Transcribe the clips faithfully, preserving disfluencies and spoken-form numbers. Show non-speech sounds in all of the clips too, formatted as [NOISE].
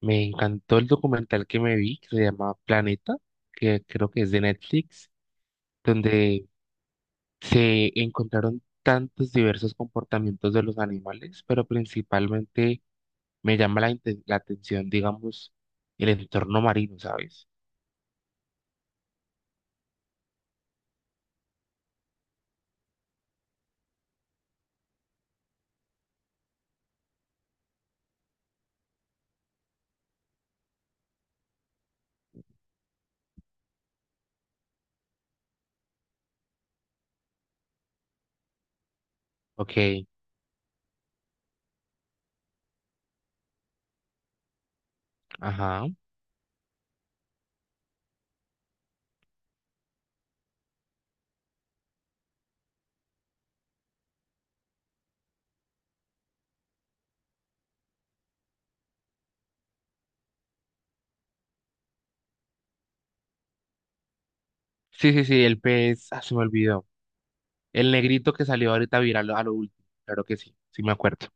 Me encantó el documental que me vi, que se llama Planeta, que creo que es de Netflix, donde se encontraron tantos diversos comportamientos de los animales, pero principalmente me llama la, inte- la atención, digamos, el entorno marino, ¿sabes? Ok, ajá. Sí, sí, sí, el pez, ah, se me olvidó. El negrito que salió ahorita viral a lo último, claro que sí, sí me acuerdo.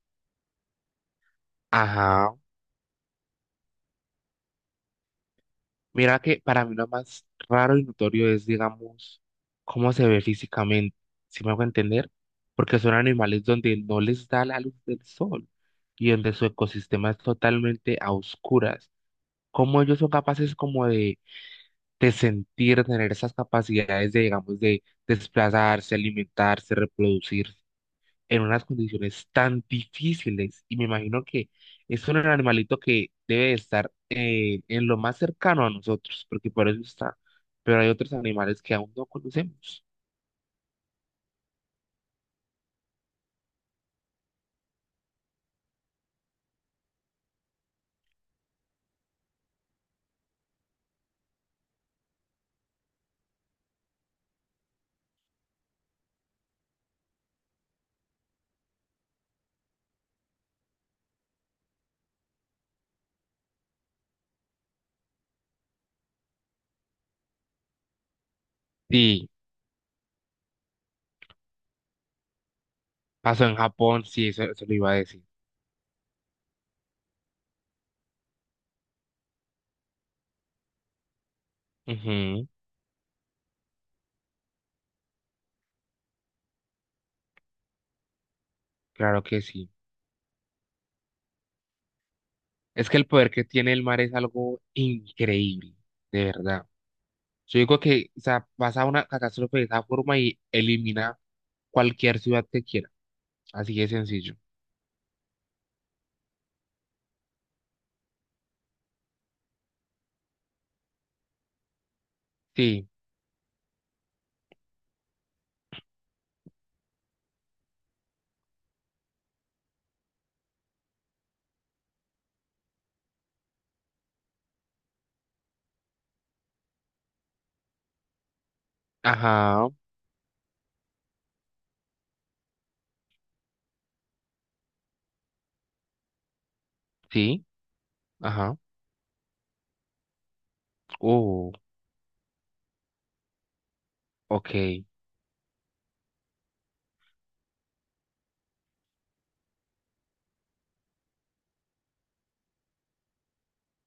Ajá. Mira que para mí lo más raro y notorio es, digamos, cómo se ve físicamente, si me hago entender, porque son animales donde no les da la luz del sol y donde su ecosistema es totalmente a oscuras. Cómo ellos son capaces como de, de sentir, tener esas capacidades de, digamos, de desplazarse, alimentarse, reproducirse en unas condiciones tan difíciles. Y me imagino que es un animalito que debe de estar eh, en lo más cercano a nosotros, porque por eso está. Pero hay otros animales que aún no conocemos. Sí, pasó en Japón, sí, eso, eso lo iba a decir. Ujú, claro que sí. Es que el poder que tiene el mar es algo increíble, de verdad. Yo digo que, o sea, pasa una catástrofe de esa forma y elimina cualquier ciudad que quiera. Así de sencillo. Sí, ajá, sí, ajá. Oh, ok,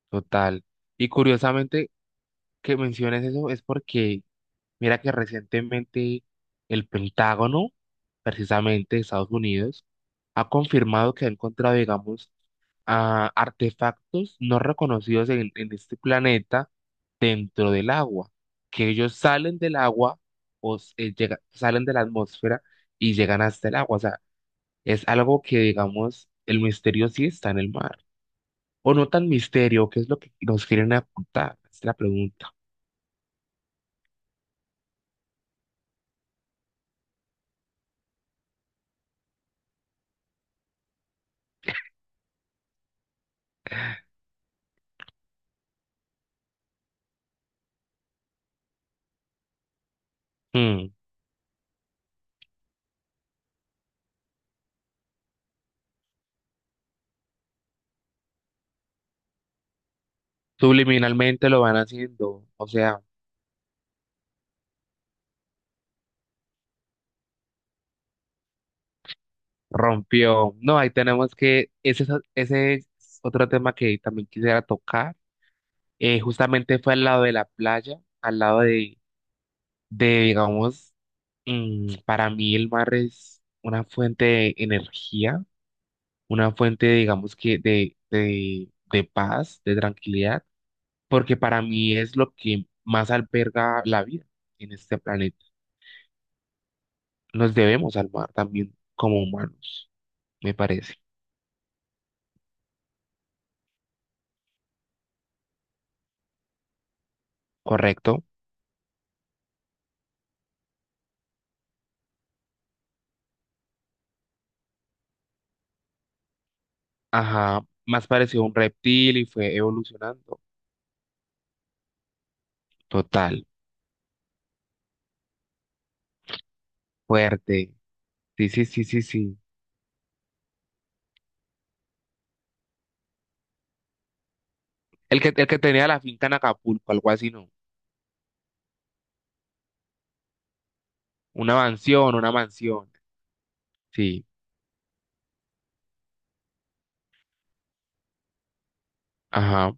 total. Y curiosamente que menciones eso es porque, mira que recientemente el Pentágono, precisamente de Estados Unidos, ha confirmado que ha encontrado, digamos, ah, artefactos no reconocidos en, en este planeta dentro del agua, que ellos salen del agua o s- eh, llega- salen de la atmósfera y llegan hasta el agua. O sea, es algo que, digamos, el misterio sí está en el mar. O no tan misterio, ¿qué es lo que nos quieren apuntar? Es la pregunta. Mm, subliminalmente lo van haciendo, o sea, rompió. No, ahí tenemos que, ese, es o- ese es otro tema que también quisiera tocar. Eh, justamente fue al lado de la playa, al lado de, de digamos, mm, para mí el mar es una fuente de energía, una fuente, digamos, que de, de, de paz, de tranquilidad porque para mí es lo que más alberga la vida en este planeta. Nos debemos al mar también como humanos, me parece. ¿Correcto? Ajá, más pareció un reptil y fue evolucionando. Total, fuerte. Sí, sí, sí, sí, sí. El que, el que tenía la finca en Acapulco, algo así, ¿no? Una mansión, una mansión. Sí, ajá,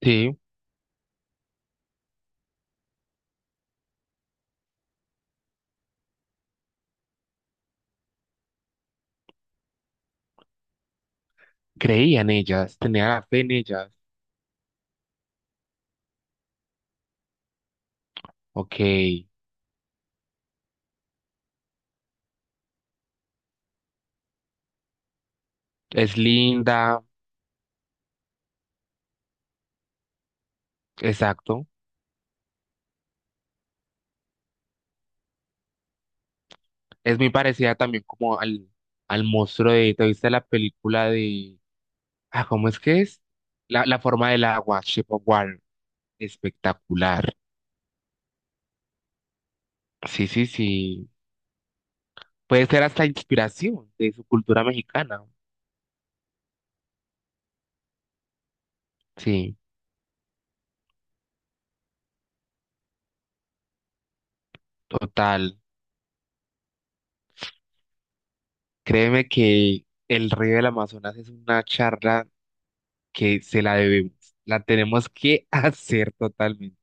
sí. Creía en ellas, tenía la fe en ellas. Ok, es linda, exacto. Es muy parecida también como al, al monstruo de, ¿te viste la película de, ah, ¿cómo es que es? La, la forma del agua, Shape of Water, espectacular. Sí, sí, sí. Puede ser hasta inspiración de su cultura mexicana. Sí, total. Créeme que el río del Amazonas es una charla que se la debemos. La tenemos que [LAUGHS] hacer totalmente.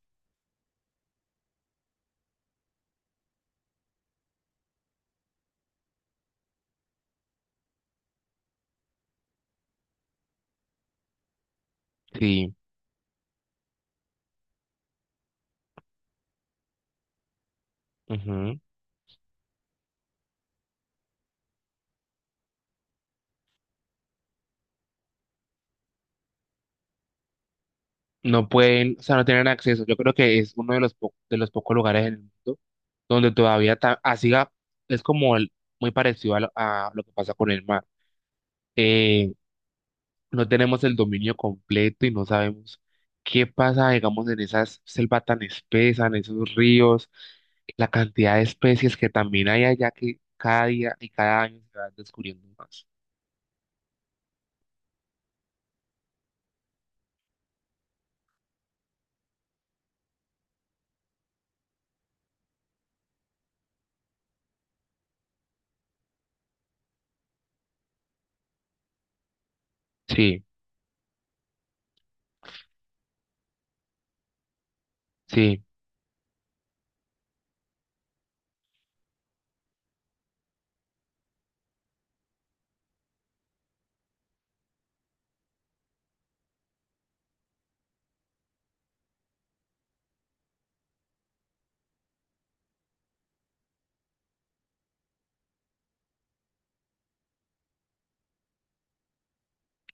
Sí. Ujú. No pueden, o sea, no tienen acceso. Yo creo que es uno de los, po- de los pocos lugares en el mundo donde todavía ta- así ga- es como el- muy parecido a lo, a lo que pasa con el mar. Eh, no tenemos el dominio completo y no sabemos qué pasa, digamos, en esas selvas tan espesas, en esos ríos, la cantidad de especies que también hay allá que cada día y cada año se van descubriendo más. Sí, sí,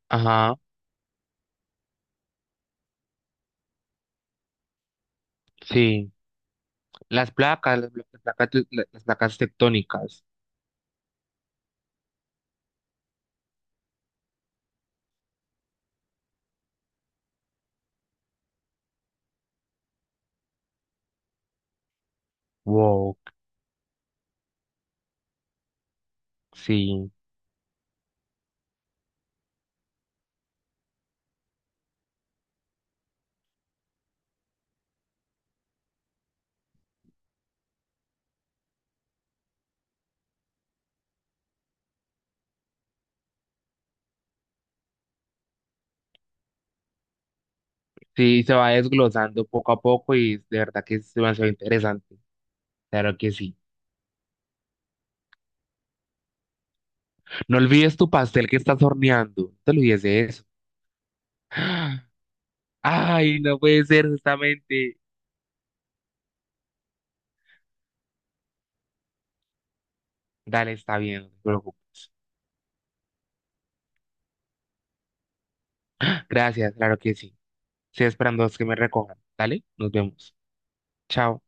ajá, sí. Las placas, las, las placas, te- las placas tectónicas. Wow, sí, sí, se va desglosando poco a poco y de verdad que es demasiado interesante. Claro que sí. No olvides tu pastel que estás horneando, no te olvides de eso. [GASPS] Ay, no puede ser justamente. Dale, está bien, no te preocupes. Gracias, claro que sí. Estoy esperando a que me recojan. Dale, nos vemos. Chao.